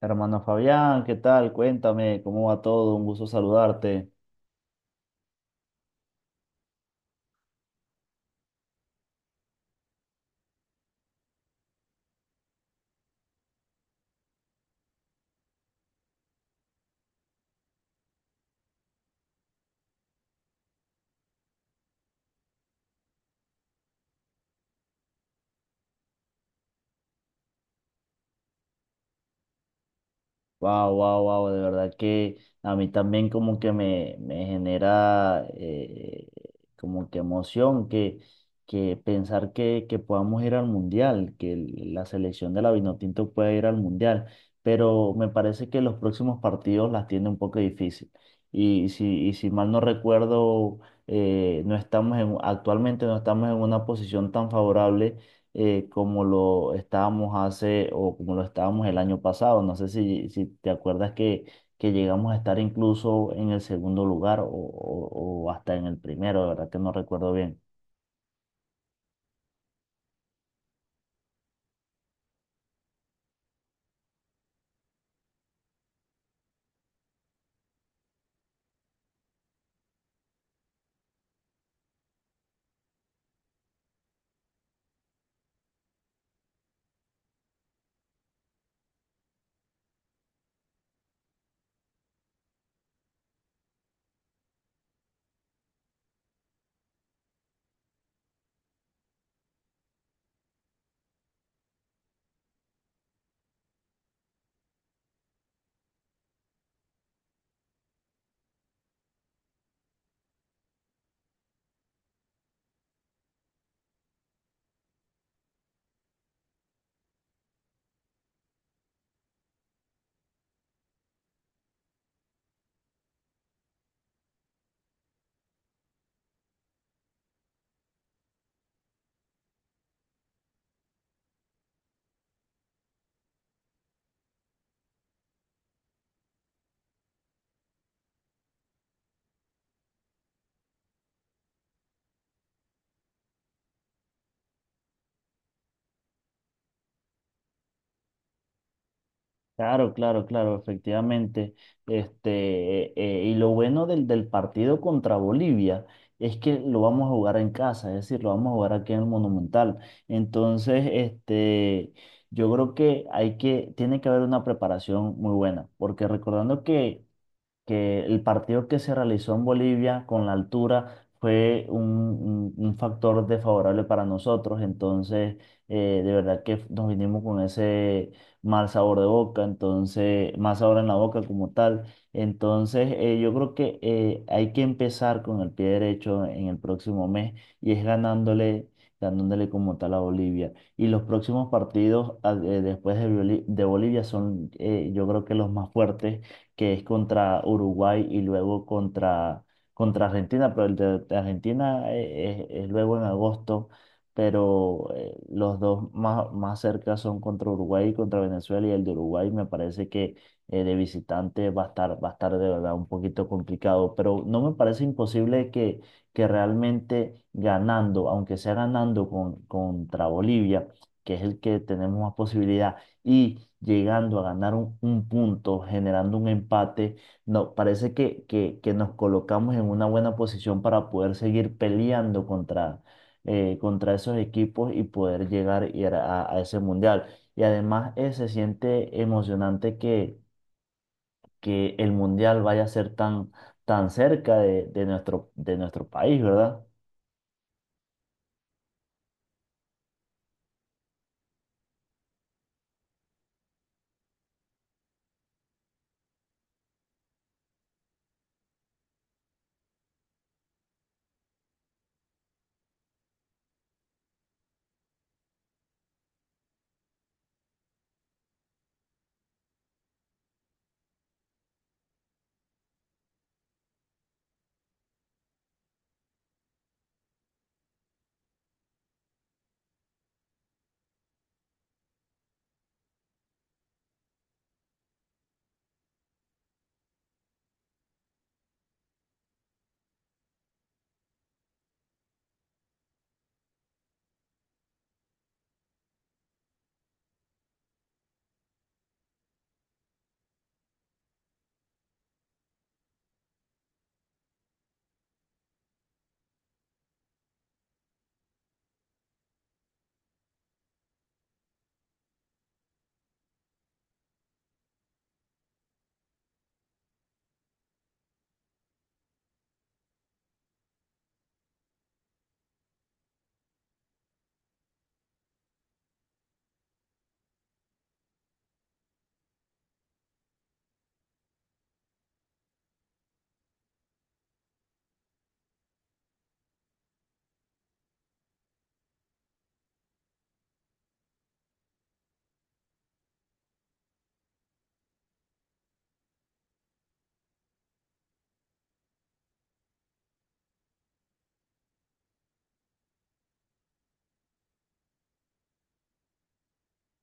Hermano Fabián, ¿qué tal? Cuéntame, ¿cómo va todo? Un gusto saludarte. Wow, wow, wow, de verdad que a mí también como que me genera como que emoción que pensar que podamos ir al mundial, que la selección de la Vinotinto pueda ir al mundial, pero me parece que los próximos partidos las tiene un poco difícil. Y si mal no recuerdo, no estamos en, actualmente no estamos en una posición tan favorable como lo estábamos hace o como lo estábamos el año pasado. No sé si te acuerdas que llegamos a estar incluso en el segundo lugar o, o hasta en el primero, de verdad que no recuerdo bien. Claro, claro, claro, efectivamente. Y lo bueno del partido contra Bolivia es que lo vamos a jugar en casa, es decir, lo vamos a jugar aquí en el Monumental. Entonces, yo creo que hay que, tiene que haber una preparación muy buena, porque recordando que el partido que se realizó en Bolivia con la altura fue un, un factor desfavorable para nosotros, entonces de verdad que nos vinimos con ese mal sabor de boca, entonces mal sabor en la boca como tal, entonces yo creo que hay que empezar con el pie derecho en el próximo mes y es ganándole, ganándole como tal a Bolivia. Y los próximos partidos después de, de Bolivia son yo creo que los más fuertes que es contra Uruguay y luego contra, contra Argentina, pero el de Argentina es luego en agosto, pero los dos más, más cerca son contra Uruguay y contra Venezuela, y el de Uruguay me parece que de visitante va a estar de verdad un poquito complicado, pero no me parece imposible que realmente ganando, aunque sea ganando con, contra Bolivia, que es el que tenemos más posibilidad, y llegando a ganar un punto, generando un empate, no, parece que nos colocamos en una buena posición para poder seguir peleando contra, contra esos equipos y poder llegar a ese mundial. Y además se siente emocionante que el mundial vaya a ser tan, tan cerca de nuestro país, ¿verdad?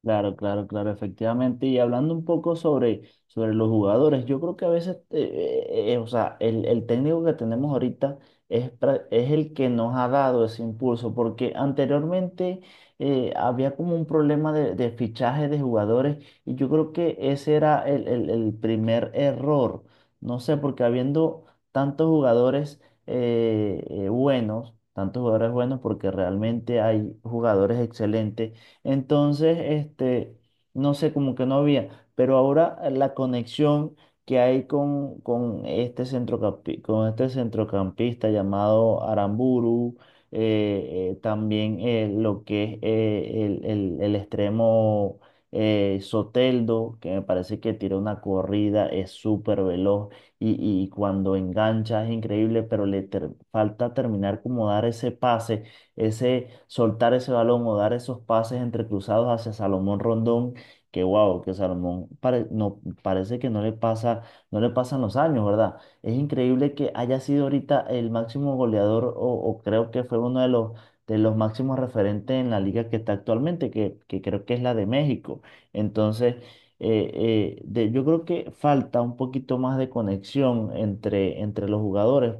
Claro, claro, claro, efectivamente. Y hablando un poco sobre, sobre los jugadores, yo creo que a veces, o sea, el técnico que tenemos ahorita es el que nos ha dado ese impulso, porque anteriormente había como un problema de fichaje de jugadores y yo creo que ese era el, el primer error. No sé, porque habiendo tantos jugadores buenos, tantos jugadores buenos, porque realmente hay jugadores excelentes entonces, no sé, como que no había, pero ahora la conexión que hay con este con este centrocampista llamado Aramburu, también lo que es el, el extremo Soteldo, que me parece que tira una corrida, es súper veloz y, y cuando engancha es increíble, pero falta terminar como dar ese pase ese soltar ese balón o dar esos pases entrecruzados hacia Salomón Rondón, que wow, que no, parece que no le pasa, no le pasan los años, ¿verdad? Es increíble que haya sido ahorita el máximo goleador o creo que fue uno de los máximos referentes en la liga que está actualmente, que creo que es la de México. Entonces, eh, yo creo que falta un poquito más de conexión entre, entre los jugadores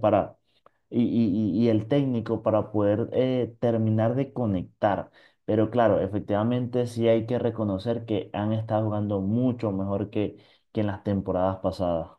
el técnico para poder terminar de conectar. Pero claro, efectivamente sí hay que reconocer que han estado jugando mucho mejor que en las temporadas pasadas.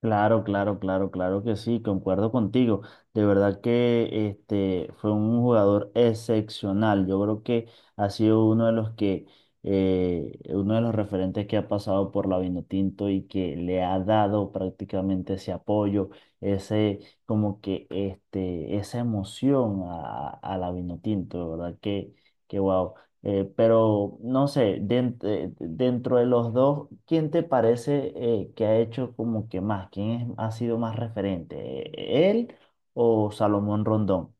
Claro, claro, claro, claro que sí, concuerdo contigo. De verdad que este fue un jugador excepcional. Yo creo que ha sido uno de los que uno de los referentes que ha pasado por la Vinotinto y que le ha dado prácticamente ese apoyo, ese como que este esa emoción a la Vinotinto, de verdad que guau. Pero no sé, dentro de los dos, ¿quién te parece que ha hecho como que más? ¿Quién ha sido más referente? ¿Él o Salomón Rondón?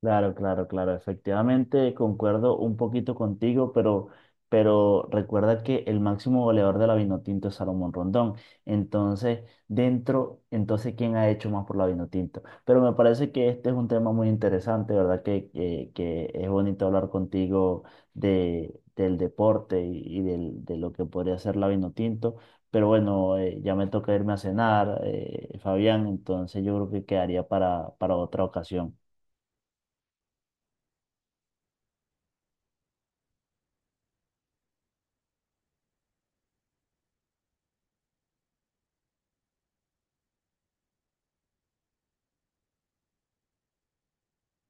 Claro, claro, claro. Efectivamente, concuerdo un poquito contigo, pero recuerda que el máximo goleador de la Vinotinto es Salomón Rondón. Entonces, dentro, entonces, ¿quién ha hecho más por la Vinotinto? Pero me parece que este es un tema muy interesante, ¿verdad? Que, que es bonito hablar contigo de, del deporte y, de lo que podría ser la Vinotinto. Pero bueno, ya me toca irme a cenar, Fabián, entonces yo creo que quedaría para otra ocasión.